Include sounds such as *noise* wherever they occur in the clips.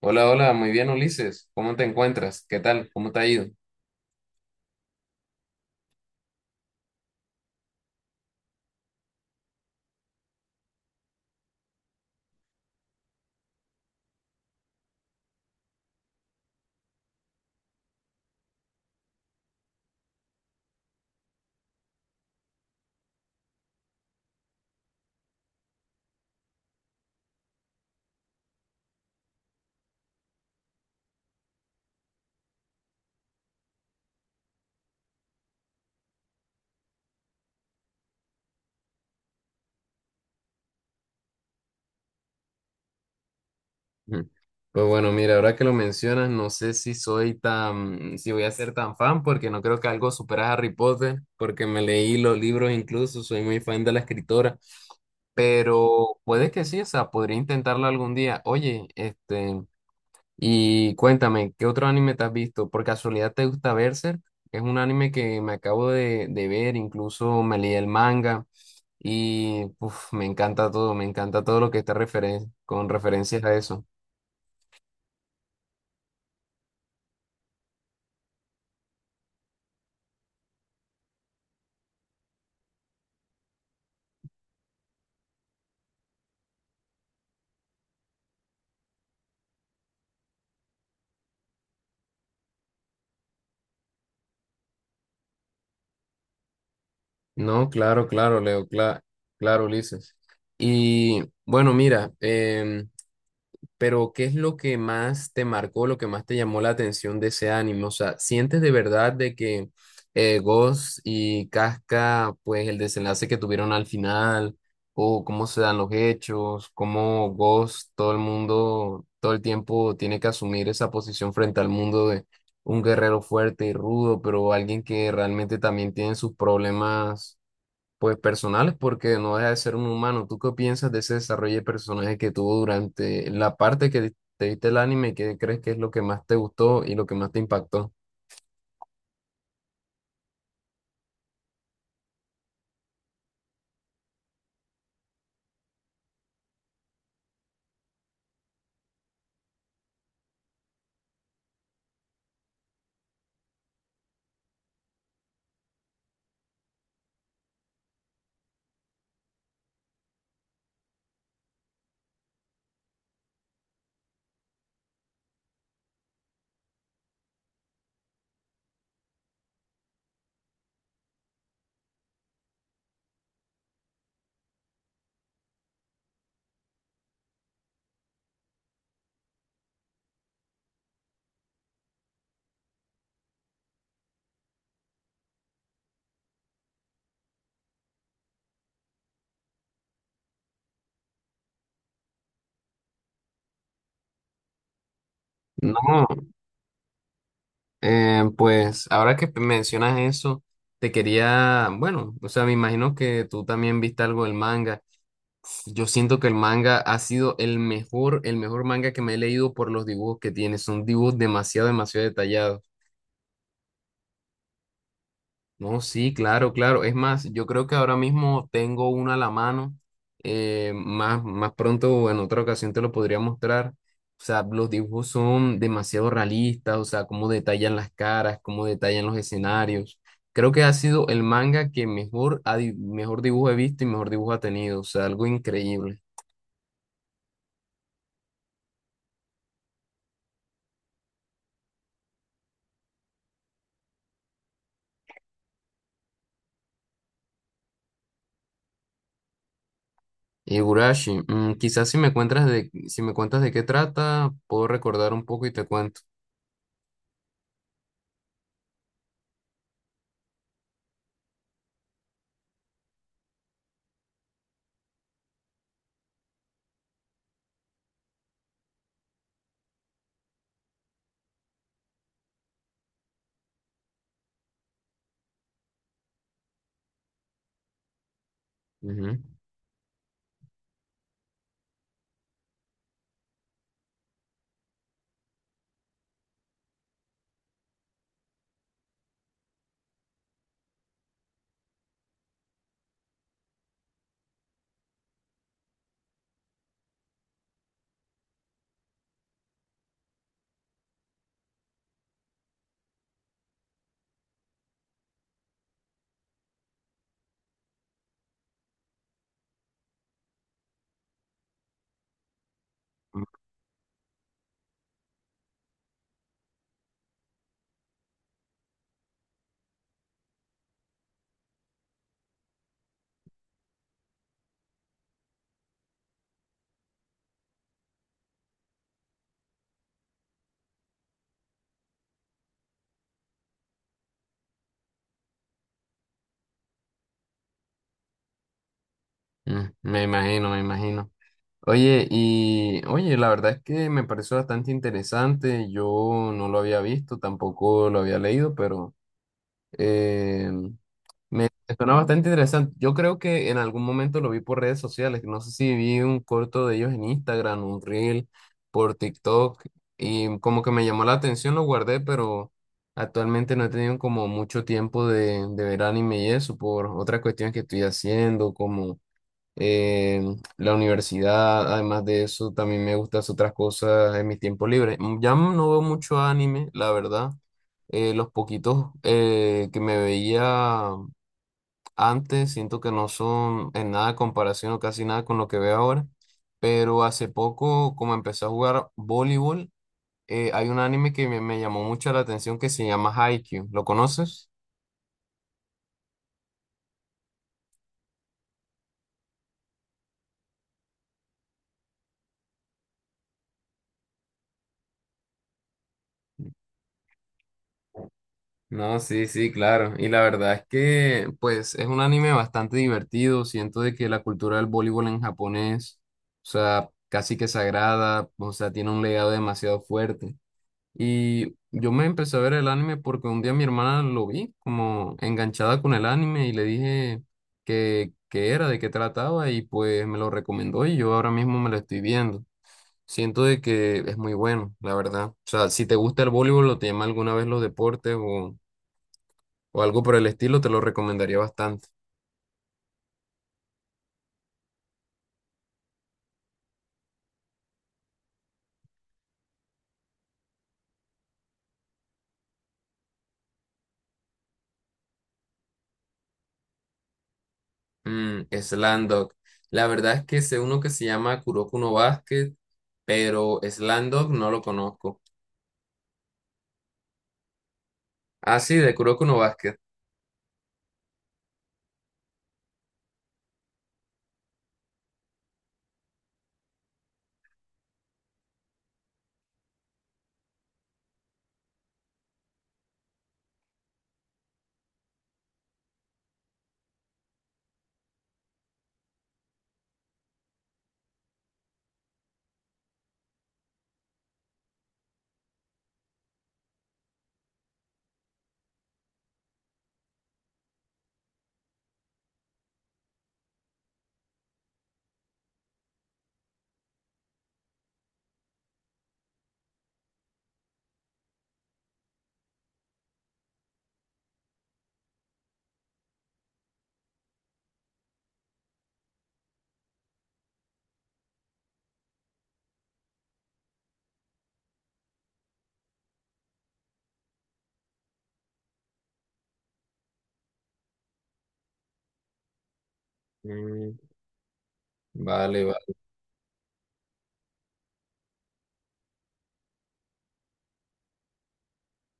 Hola, hola, muy bien, Ulises. ¿Cómo te encuentras? ¿Qué tal? ¿Cómo te ha ido? Ujú. Pues bueno, mira, ahora que lo mencionas, no sé si soy si voy a ser tan fan, porque no creo que algo supera a Harry Potter, porque me leí los libros incluso, soy muy fan de la escritora, pero puede que sí, o sea, podría intentarlo algún día. Oye, y cuéntame, ¿qué otro anime te has visto? ¿Por casualidad te gusta Berserk? Es un anime que me acabo de ver, incluso me leí el manga y uf, me encanta todo lo que está con referencias a eso. No, claro, claro, Leo, claro, Ulises. Y bueno, mira, pero ¿qué es lo que más te marcó, lo que más te llamó la atención de ese anime? O sea, ¿sientes de verdad de que Ghost y Casca, pues el desenlace que tuvieron al final, o cómo se dan los hechos, cómo Ghost, todo el mundo, todo el tiempo tiene que asumir esa posición frente al mundo de un guerrero fuerte y rudo, pero alguien que realmente también tiene sus problemas pues personales, porque no deja de ser un humano. ¿Tú qué piensas de ese desarrollo de personaje que tuvo durante la parte que te viste el anime? ¿Qué crees que es lo que más te gustó y lo que más te impactó? No, pues ahora que mencionas eso, te quería, bueno, o sea, me imagino que tú también viste algo del manga. Yo siento que el manga ha sido el mejor manga que me he leído por los dibujos que tiene. Son dibujos demasiado, demasiado detallados. No, sí, claro, claro. Es más, yo creo que ahora mismo tengo una a la mano. Más, más pronto, en otra ocasión, te lo podría mostrar. O sea, los dibujos son demasiado realistas, o sea, cómo detallan las caras, cómo detallan los escenarios. Creo que ha sido el manga que mejor, mejor dibujo he visto y mejor dibujo ha tenido. O sea, algo increíble. Higurashi, mm, quizás si me cuentas de, si me cuentas de qué trata, puedo recordar un poco y te cuento. Ujú. Mm, me imagino, me imagino. Oye, y oye, la verdad es que me pareció bastante interesante. Yo no lo había visto, tampoco lo había leído, pero eh, suena bastante interesante. Yo creo que en algún momento lo vi por redes sociales. No sé si vi un corto de ellos en Instagram, un reel por TikTok, y como que me llamó la atención, lo guardé, pero actualmente no he tenido como mucho tiempo de ver anime y eso por otras cuestiones que estoy haciendo, como eh, la universidad, además de eso, también me gustan otras cosas en mis tiempos libres. Mm, ya no veo mucho anime, la verdad. Los poquitos que me veía antes, siento que no son en nada comparación o casi nada con lo que veo ahora. Pero hace poco, como empecé a jugar voleibol, hay un anime que me llamó mucho la atención que se llama Haikyuu. ¿Lo conoces? No, sí, sí, claro. Y la verdad es que, pues, es un anime bastante divertido. Siento de que la cultura del voleibol en Japón es, o sea, casi que sagrada, o sea, tiene un legado demasiado fuerte. Y yo me empecé a ver el anime porque un día mi hermana lo vi como enganchada con el anime y le dije que era, de qué trataba y pues me lo recomendó y yo ahora mismo me lo estoy viendo. Siento de que es muy bueno, la verdad. O sea, si te gusta el voleibol o te llama alguna vez los deportes o algo por el estilo, te lo recomendaría bastante. Mm, Slam la verdad es que sé uno que se llama Kuroko no Basket, pero Slam Dunk no lo conozco. Ah, sí, de Kuroko no Basket. Mm, vale, vale.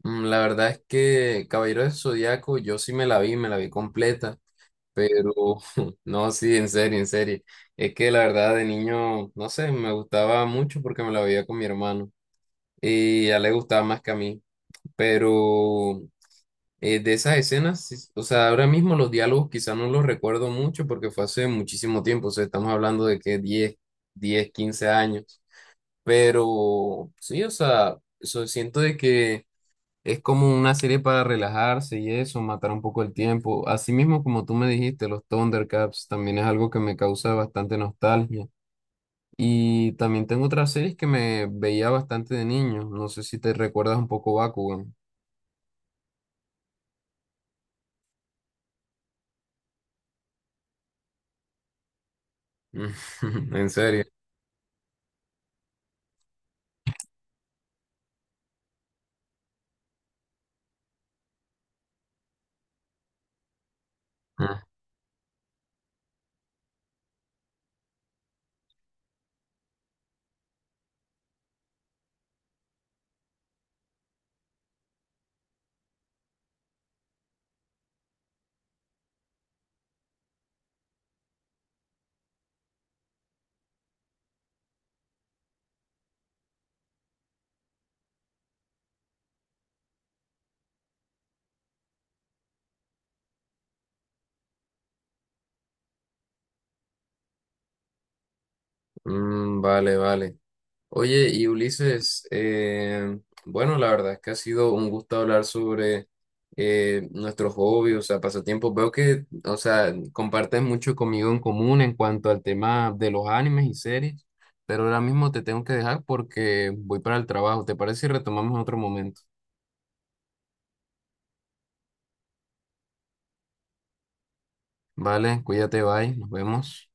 Mm, la verdad es que Caballero del Zodiaco yo sí me la vi completa, pero *laughs* no, sí, en serio, en serio. Es que la verdad de niño, no sé, me gustaba mucho porque me la veía con mi hermano y a él le gustaba más que a mí, pero de esas escenas, sí, o sea, ahora mismo los diálogos quizá no los recuerdo mucho porque fue hace muchísimo tiempo, o sea, estamos hablando de que 10, 10, 15 años, pero sí, o sea, eso siento de que es como una serie para relajarse y eso, matar un poco el tiempo. Así mismo como tú me dijiste, los Thundercats también es algo que me causa bastante nostalgia. Y también tengo otras series que me veía bastante de niño, no sé si te recuerdas un poco Bakugan, *laughs* en serio. *laughs* Mm, vale, vale. Oye, y Ulises, bueno, la verdad es que ha sido un gusto hablar sobre nuestros hobbies, o sea, pasatiempos. Veo que, o sea, compartes mucho conmigo en común en cuanto al tema de los animes y series, pero ahora mismo te tengo que dejar porque voy para el trabajo. ¿Te parece si retomamos en otro momento? Vale, cuídate, bye, nos vemos.